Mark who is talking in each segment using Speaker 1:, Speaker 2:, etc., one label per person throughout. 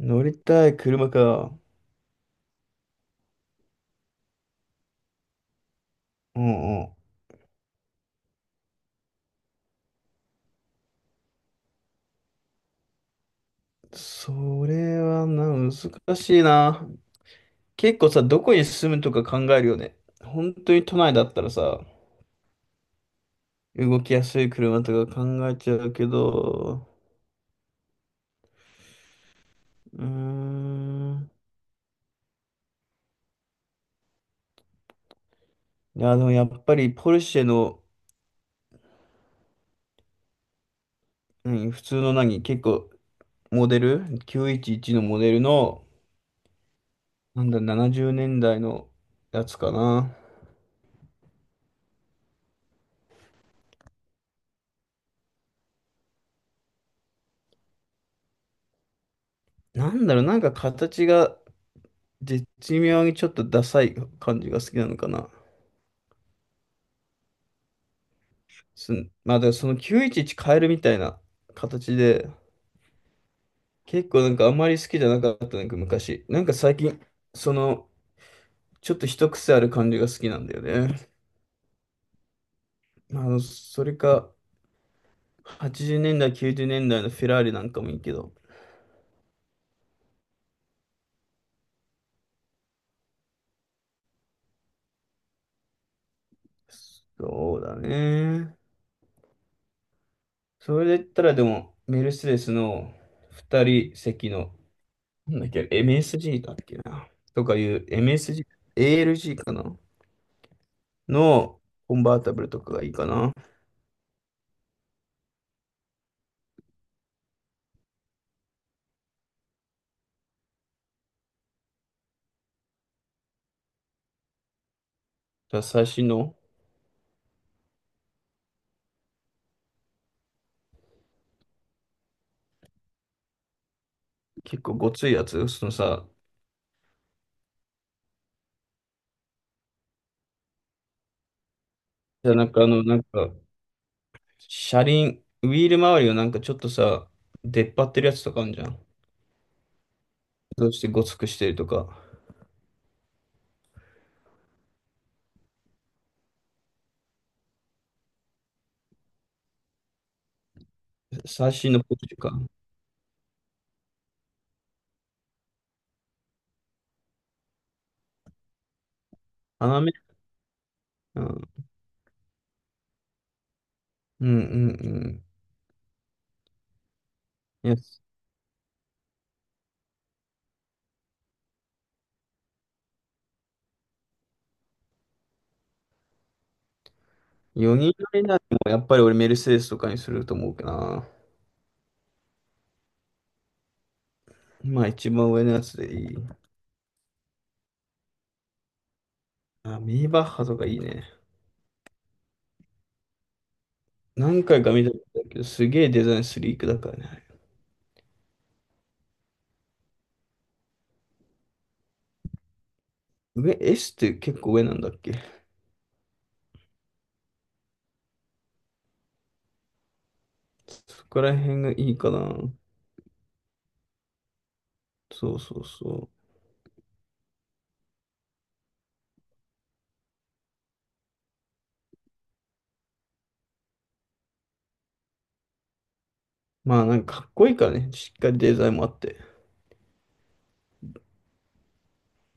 Speaker 1: 乗りたい車か。うんうん。それはな、難しいな。結構さ、どこに住むとか考えるよね。本当に都内だったらさ、動きやすい車とか考えちゃうけど、うーん。いや、でもやっぱりポルシェの、何普通の何、結構モデル、911のモデルの、なんだ、70年代のやつかな。なんだろう、なんか形が、絶妙にちょっとダサい感じが好きなのかな。す、まあ、でもその911変えるみたいな形で、結構なんかあんまり好きじゃなかった、なんか昔。なんか最近、その、ちょっと一癖ある感じが好きなんだよね。それか、80年代、90年代のフェラーリなんかもいいけど。そうだね。それで言ったらでも、メルセデスの2人席の、なんだっけ、MSG だっけな。とかいう MSG、ALG かな。のコンバータブルとかがいいかな。じゃあ最新の結構ごついやつ、そのさ、じゃあ車輪、ウィール周りをなんかちょっとさ、出っ張ってるやつとかあるじゃん。どうしてごつくしてるとか、最新のポジか。斜め、うん、うんうんうん。いや、4人乗りならもやっぱり俺メルセデスとかにすると思うかな。まあ一番上のやつでいい。あ、ミニバッハとかいいね。何回か見たことあるけど、すげえデザインスリークだからね。上、S って結構上なんだっけ。そこら辺がいいかな。そうそうそう。まあなんかかっこいいからね。しっかりデザインもあって。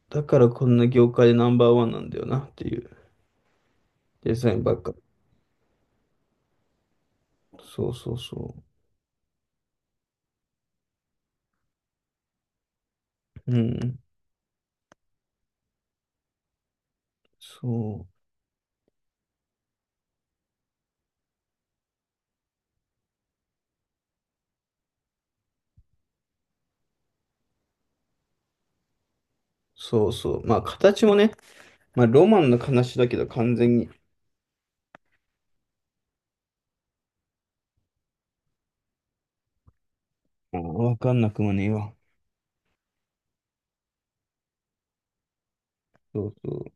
Speaker 1: だからこんな業界でナンバーワンなんだよなっていうデザインばっか。そうそうそう。うん。そう。そうそう。まあ形もね、まあロマンの話だけど完全に、まあーわかんなくもねえわ。そうそう。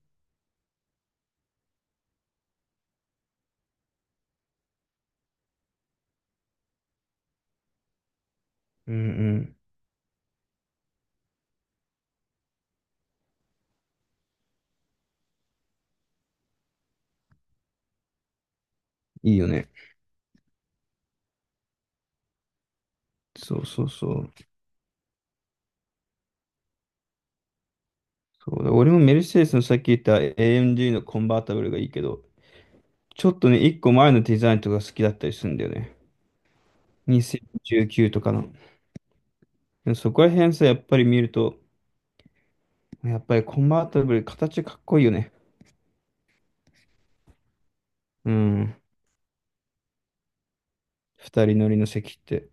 Speaker 1: うんうん。いいよね。そうそうそう。そうだ、俺もメルセデスのさっき言った AMG のコンバータブルがいいけど、ちょっとね、一個前のデザインとか好きだったりするんだよね。2019とかの。でもそこら辺さ、やっぱり見ると、やっぱりコンバータブル、形かっこいいよね。うん。二人乗りの席って。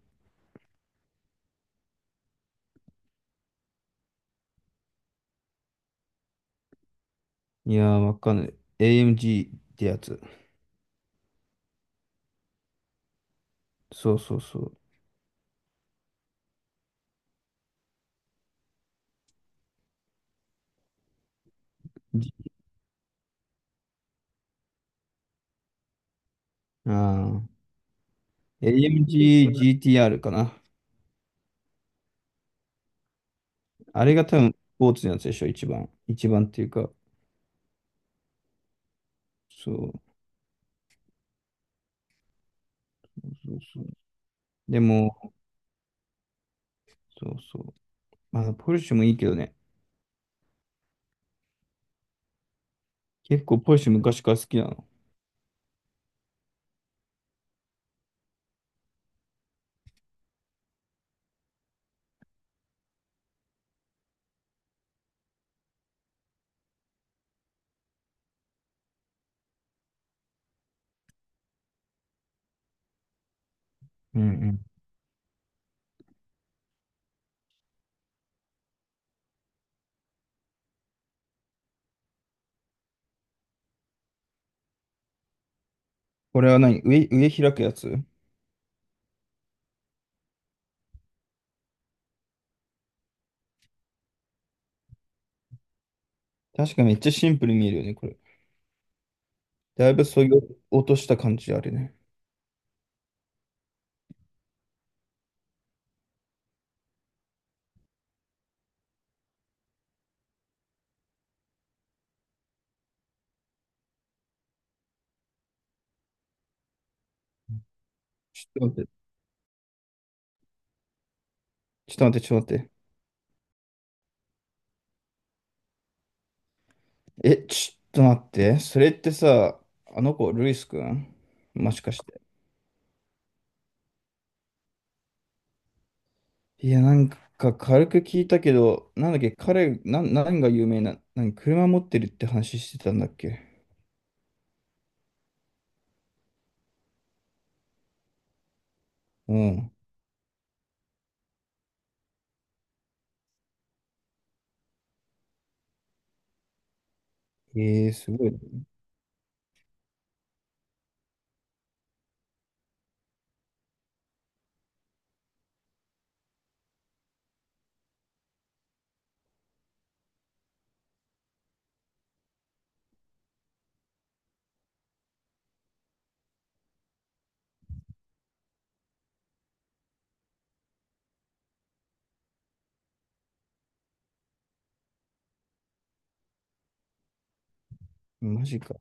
Speaker 1: いやー、わかんない。AMG ってやつ。そうそうそう。じあー、AMG GTR かな。あれが多分、スポーツのやつでしょ、一番。一番っていうか。そう。そうそう。でも、そうそう。まあ、ポルシェもいいけどね。結構ポルシェ昔から好きなの。うん。これは何上、上開くやつ。確かめっちゃシンプルに見えるよね、これ。だいぶ削ぎ落とした感じあるね。ちょっと待って、ちょっと待って。え、ちょっと待って。それってさ、あの子、ルイスくんもしかして。いや、なんか軽く聞いたけど、なんだっけ、彼、何が有名な、何、車持ってるって話してたんだっけ。うん。えー、すごい。マジか。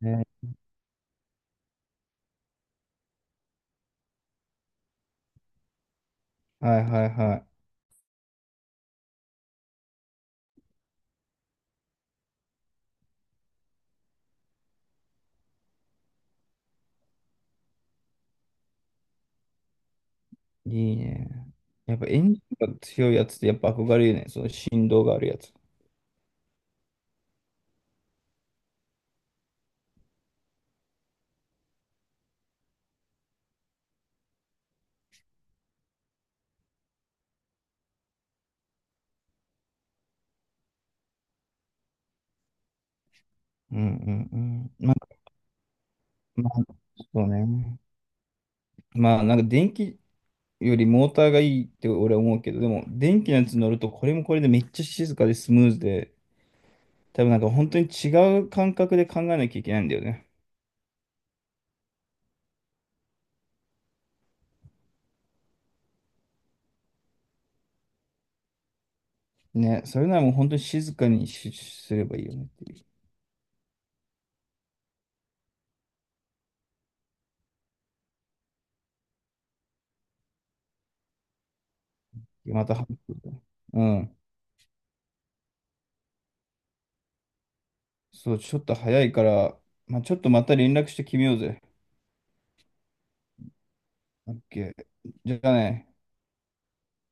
Speaker 1: ね。はいはいはい。いいね。やっぱエンジンが強いやつってやっぱ憧れるね。その振動があるやつ。うんうんうん。まあ、そうね。まあ、なんか電気よりモーターがいいって俺は思うけど、でも電気のやつ乗るとこれもこれでめっちゃ静かでスムーズで、多分なんか本当に違う感覚で考えなきゃいけないんだよね。ね、それならもう本当に静かにしすればいいよねっていう。また話するね、うん。そう、ちょっと早いから、まあ、ちょっとまた連絡して決めようぜ。オッケー。じゃあね。